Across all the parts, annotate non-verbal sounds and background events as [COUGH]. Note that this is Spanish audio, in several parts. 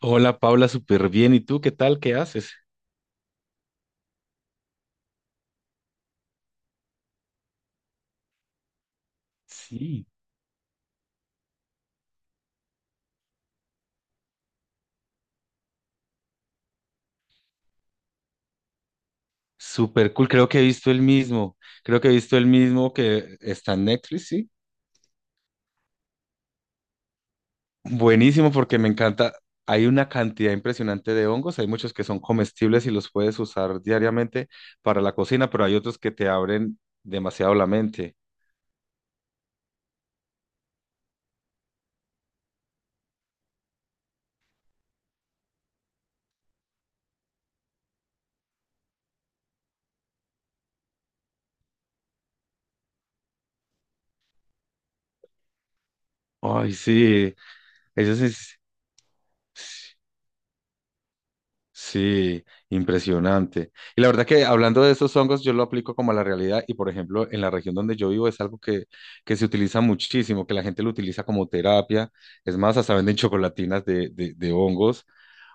Hola Paula, súper bien. ¿Y tú qué tal? ¿Qué haces? Sí. Súper cool. Creo que he visto el mismo que está en Netflix, ¿sí? Buenísimo porque me encanta. Hay una cantidad impresionante de hongos. Hay muchos que son comestibles y los puedes usar diariamente para la cocina, pero hay otros que te abren demasiado la mente. Ay, sí. Eso sí. Sí, impresionante. Y la verdad que hablando de esos hongos, yo lo aplico como a la realidad y, por ejemplo, en la región donde yo vivo es algo que se utiliza muchísimo, que la gente lo utiliza como terapia. Es más, hasta venden [LAUGHS] chocolatinas de hongos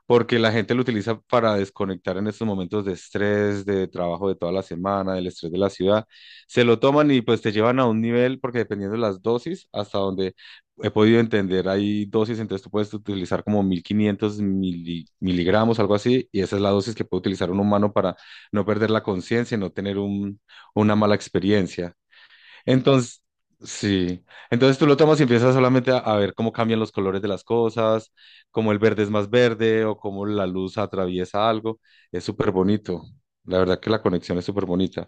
porque la gente lo utiliza para desconectar en estos momentos de estrés, de trabajo de toda la semana, del estrés de la ciudad. Se lo toman y pues te llevan a un nivel, porque dependiendo de las dosis, hasta donde he podido entender, hay dosis, entonces tú puedes utilizar como 1500 miligramos, algo así, y esa es la dosis que puede utilizar un humano para no perder la conciencia y no tener una mala experiencia. Entonces, sí. Entonces tú lo tomas y empiezas solamente a ver cómo cambian los colores de las cosas, cómo el verde es más verde o cómo la luz atraviesa algo. Es súper bonito. La verdad que la conexión es súper bonita.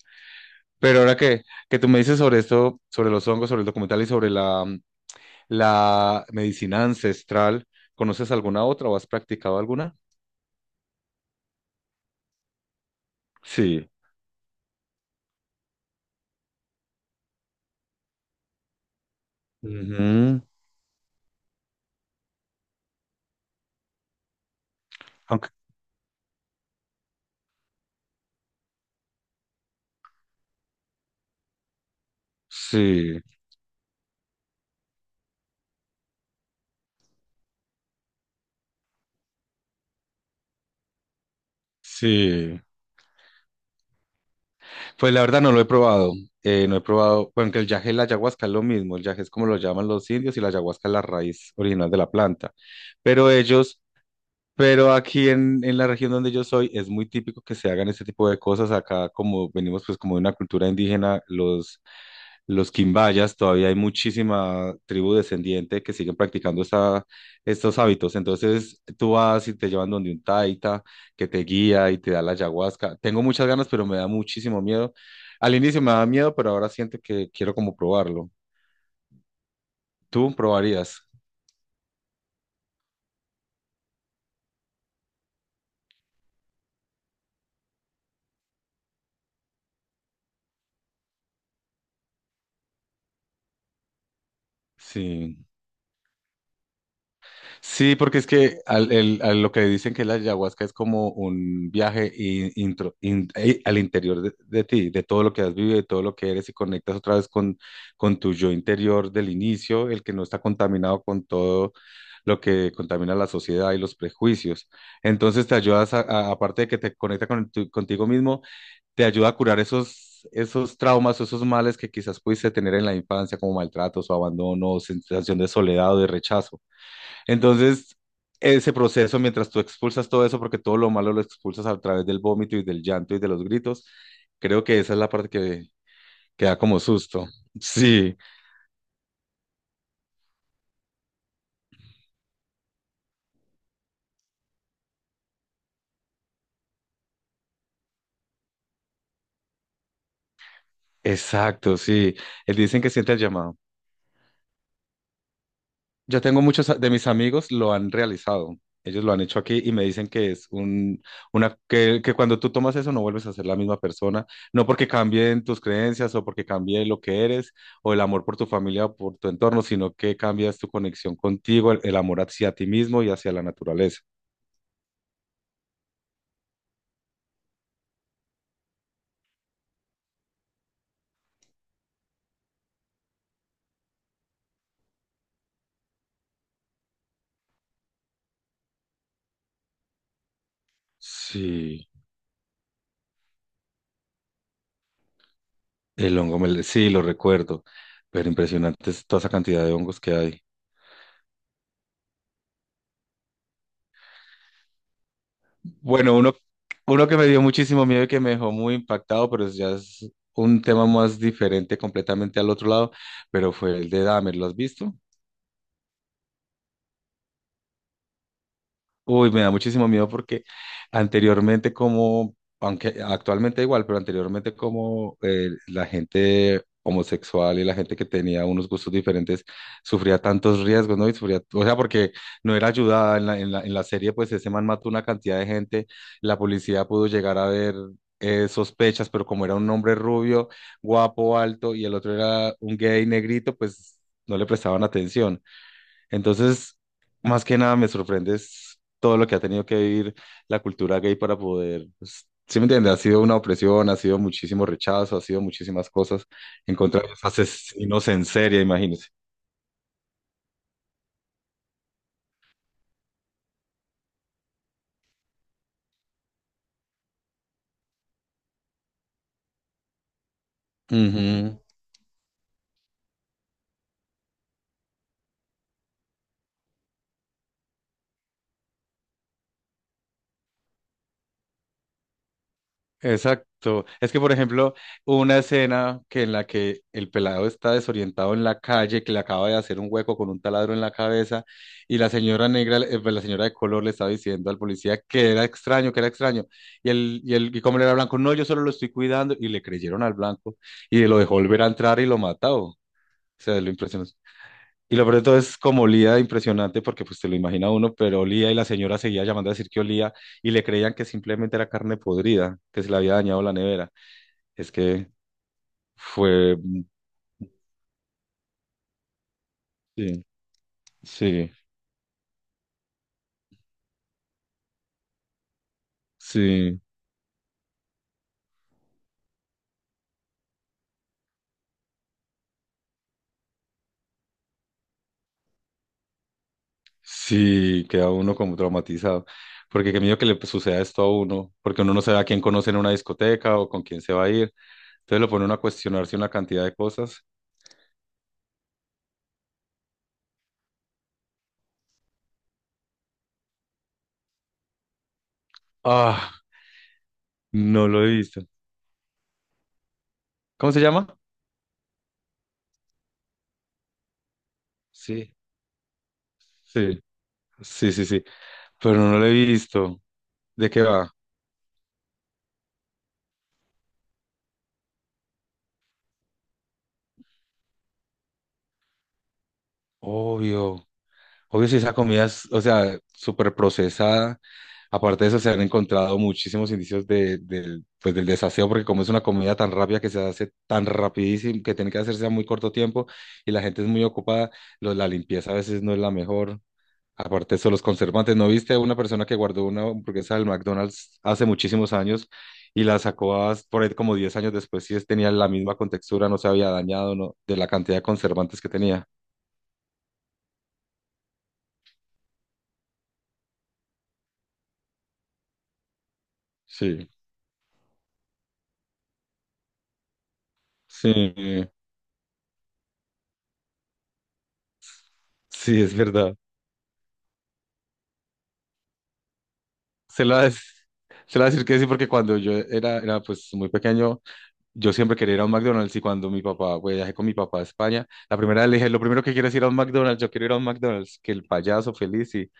Pero ahora que tú me dices sobre esto, sobre los hongos, sobre el documental y sobre la medicina ancestral, ¿conoces alguna otra o has practicado alguna? Sí. Ujú. Aunque- sí, sí. Pues la verdad no lo he probado. No he probado, bueno, que el yaje y la ayahuasca es lo mismo. El yaje es como lo llaman los indios y la ayahuasca es la raíz original de la planta. Pero ellos, pero aquí en la región donde yo soy es muy típico que se hagan este tipo de cosas. Acá como venimos pues como de una cultura indígena, los quimbayas, todavía hay muchísima tribu descendiente que siguen practicando estos hábitos. Entonces tú vas y te llevan donde un taita que te guía y te da la ayahuasca. Tengo muchas ganas, pero me da muchísimo miedo. Al inicio me da miedo, pero ahora siento que quiero como probarlo. ¿Tú probarías? Sí. Sí, porque es que a lo que dicen que la ayahuasca es como un viaje al interior de ti, de todo lo que has vivido, de todo lo que eres y conectas otra vez con tu yo interior del inicio, el que no está contaminado con todo lo que contamina la sociedad y los prejuicios. Entonces te ayudas, aparte de que te conecta con contigo mismo, te ayuda a curar esos traumas, o esos males que quizás pudiste tener en la infancia, como maltratos o abandono, o sensación de soledad o de rechazo. Entonces, ese proceso, mientras tú expulsas todo eso, porque todo lo malo lo expulsas a través del vómito y del llanto y de los gritos, creo que esa es la parte que da como susto. Sí, exacto, sí. Dicen que siente el llamado. Yo tengo muchos de mis amigos lo han realizado. Ellos lo han hecho aquí y me dicen que es un, una, que cuando tú tomas eso no vuelves a ser la misma persona. No porque cambien tus creencias o porque cambie lo que eres o el amor por tu familia o por tu entorno, sino que cambias tu conexión contigo, el amor hacia ti mismo y hacia la naturaleza. Sí, el hongo, sí, lo recuerdo, pero impresionante es toda esa cantidad de hongos que hay. Bueno, uno, uno que me dio muchísimo miedo y que me dejó muy impactado, pero ya es un tema más diferente completamente al otro lado, pero fue el de Dahmer, ¿lo has visto? Uy, me da muchísimo miedo porque anteriormente como, aunque actualmente igual, pero anteriormente como la gente homosexual y la gente que tenía unos gustos diferentes sufría tantos riesgos, ¿no? Y sufría, o sea, porque no era ayudada en la serie, pues ese man mató una cantidad de gente, la policía pudo llegar a ver sospechas, pero como era un hombre rubio, guapo, alto, y el otro era un gay negrito, pues no le prestaban atención. Entonces, más que nada me sorprende es todo lo que ha tenido que vivir la cultura gay para poder, pues, ¿sí me entiendes? Ha sido una opresión, ha sido muchísimo rechazo, ha sido muchísimas cosas en contra de los asesinos en serie, imagínense. Exacto. Es que, por ejemplo, hubo una escena que en la que el pelado está desorientado en la calle, que le acaba de hacer un hueco con un taladro en la cabeza, y la señora negra, pues, la señora de color le estaba diciendo al policía que era extraño, que era extraño. Y como él era blanco, no, yo solo lo estoy cuidando. Y le creyeron al blanco y lo dejó volver a entrar y lo mató. O sea, lo impresionó. Y lo peor de todo es como olía impresionante, porque pues te lo imagina uno, pero olía y la señora seguía llamando a decir que olía y le creían que simplemente era carne podrida, que se le había dañado la nevera. Es que fue. Sí, sí, sí, sí, queda uno como traumatizado, porque qué miedo que le suceda esto a uno, porque uno no sabe a quién conoce en una discoteca o con quién se va a ir. Entonces lo pone uno a cuestionarse una cantidad de cosas. Ah, no lo he visto. ¿Cómo se llama? Sí, sí, sí, sí, sí, pero no lo he visto. ¿De qué va? Obvio. Obvio si esa comida es, o sea, súper procesada. Aparte de eso, se han encontrado muchísimos indicios pues, del desaseo, porque como es una comida tan rápida que se hace tan rapidísimo, que tiene que hacerse a muy corto tiempo y la gente es muy ocupada, la limpieza a veces no es la mejor. Aparte de eso, los conservantes. ¿No viste una persona que guardó una hamburguesa del McDonald's hace muchísimos años y la sacó por ahí como 10 años después? Sí, tenía la misma contextura, no se había dañado, no, de la cantidad de conservantes que tenía. Sí. Sí, sí, es verdad. Se la [LAUGHS] se la voy a decir que sí, porque cuando yo era, era pues muy pequeño, yo siempre quería ir a un McDonald's y cuando mi papá, pues, viajé con mi papá a España, la primera vez le dije, lo primero que quiero es ir a un McDonald's, yo quiero ir a un McDonald's, que el payaso feliz y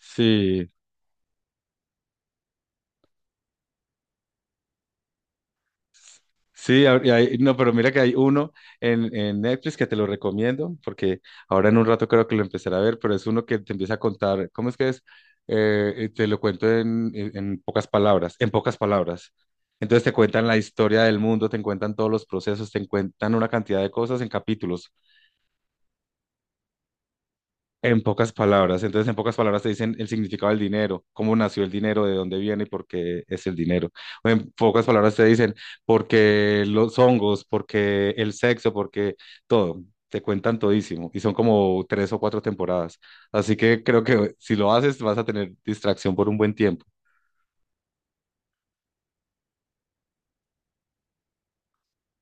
sí. Sí, y no, pero mira que hay uno en Netflix que te lo recomiendo, porque ahora en un rato creo que lo empezaré a ver, pero es uno que te empieza a contar, ¿cómo es que es? Te lo cuento en pocas palabras, en pocas palabras. Entonces te cuentan la historia del mundo, te cuentan todos los procesos, te cuentan una cantidad de cosas en capítulos. En pocas palabras, entonces en pocas palabras te dicen el significado del dinero, cómo nació el dinero, de dónde viene y por qué es el dinero. O en pocas palabras te dicen por qué los hongos, por qué el sexo, por qué todo. Te cuentan todísimo y son como tres o cuatro temporadas. Así que creo que si lo haces vas a tener distracción por un buen tiempo.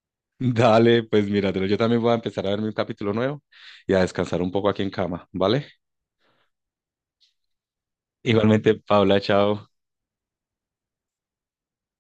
[LAUGHS] Dale, pues míratelo. Yo también voy a empezar a verme un capítulo nuevo y a descansar un poco aquí en cama, ¿vale? Igualmente, Paula, chao.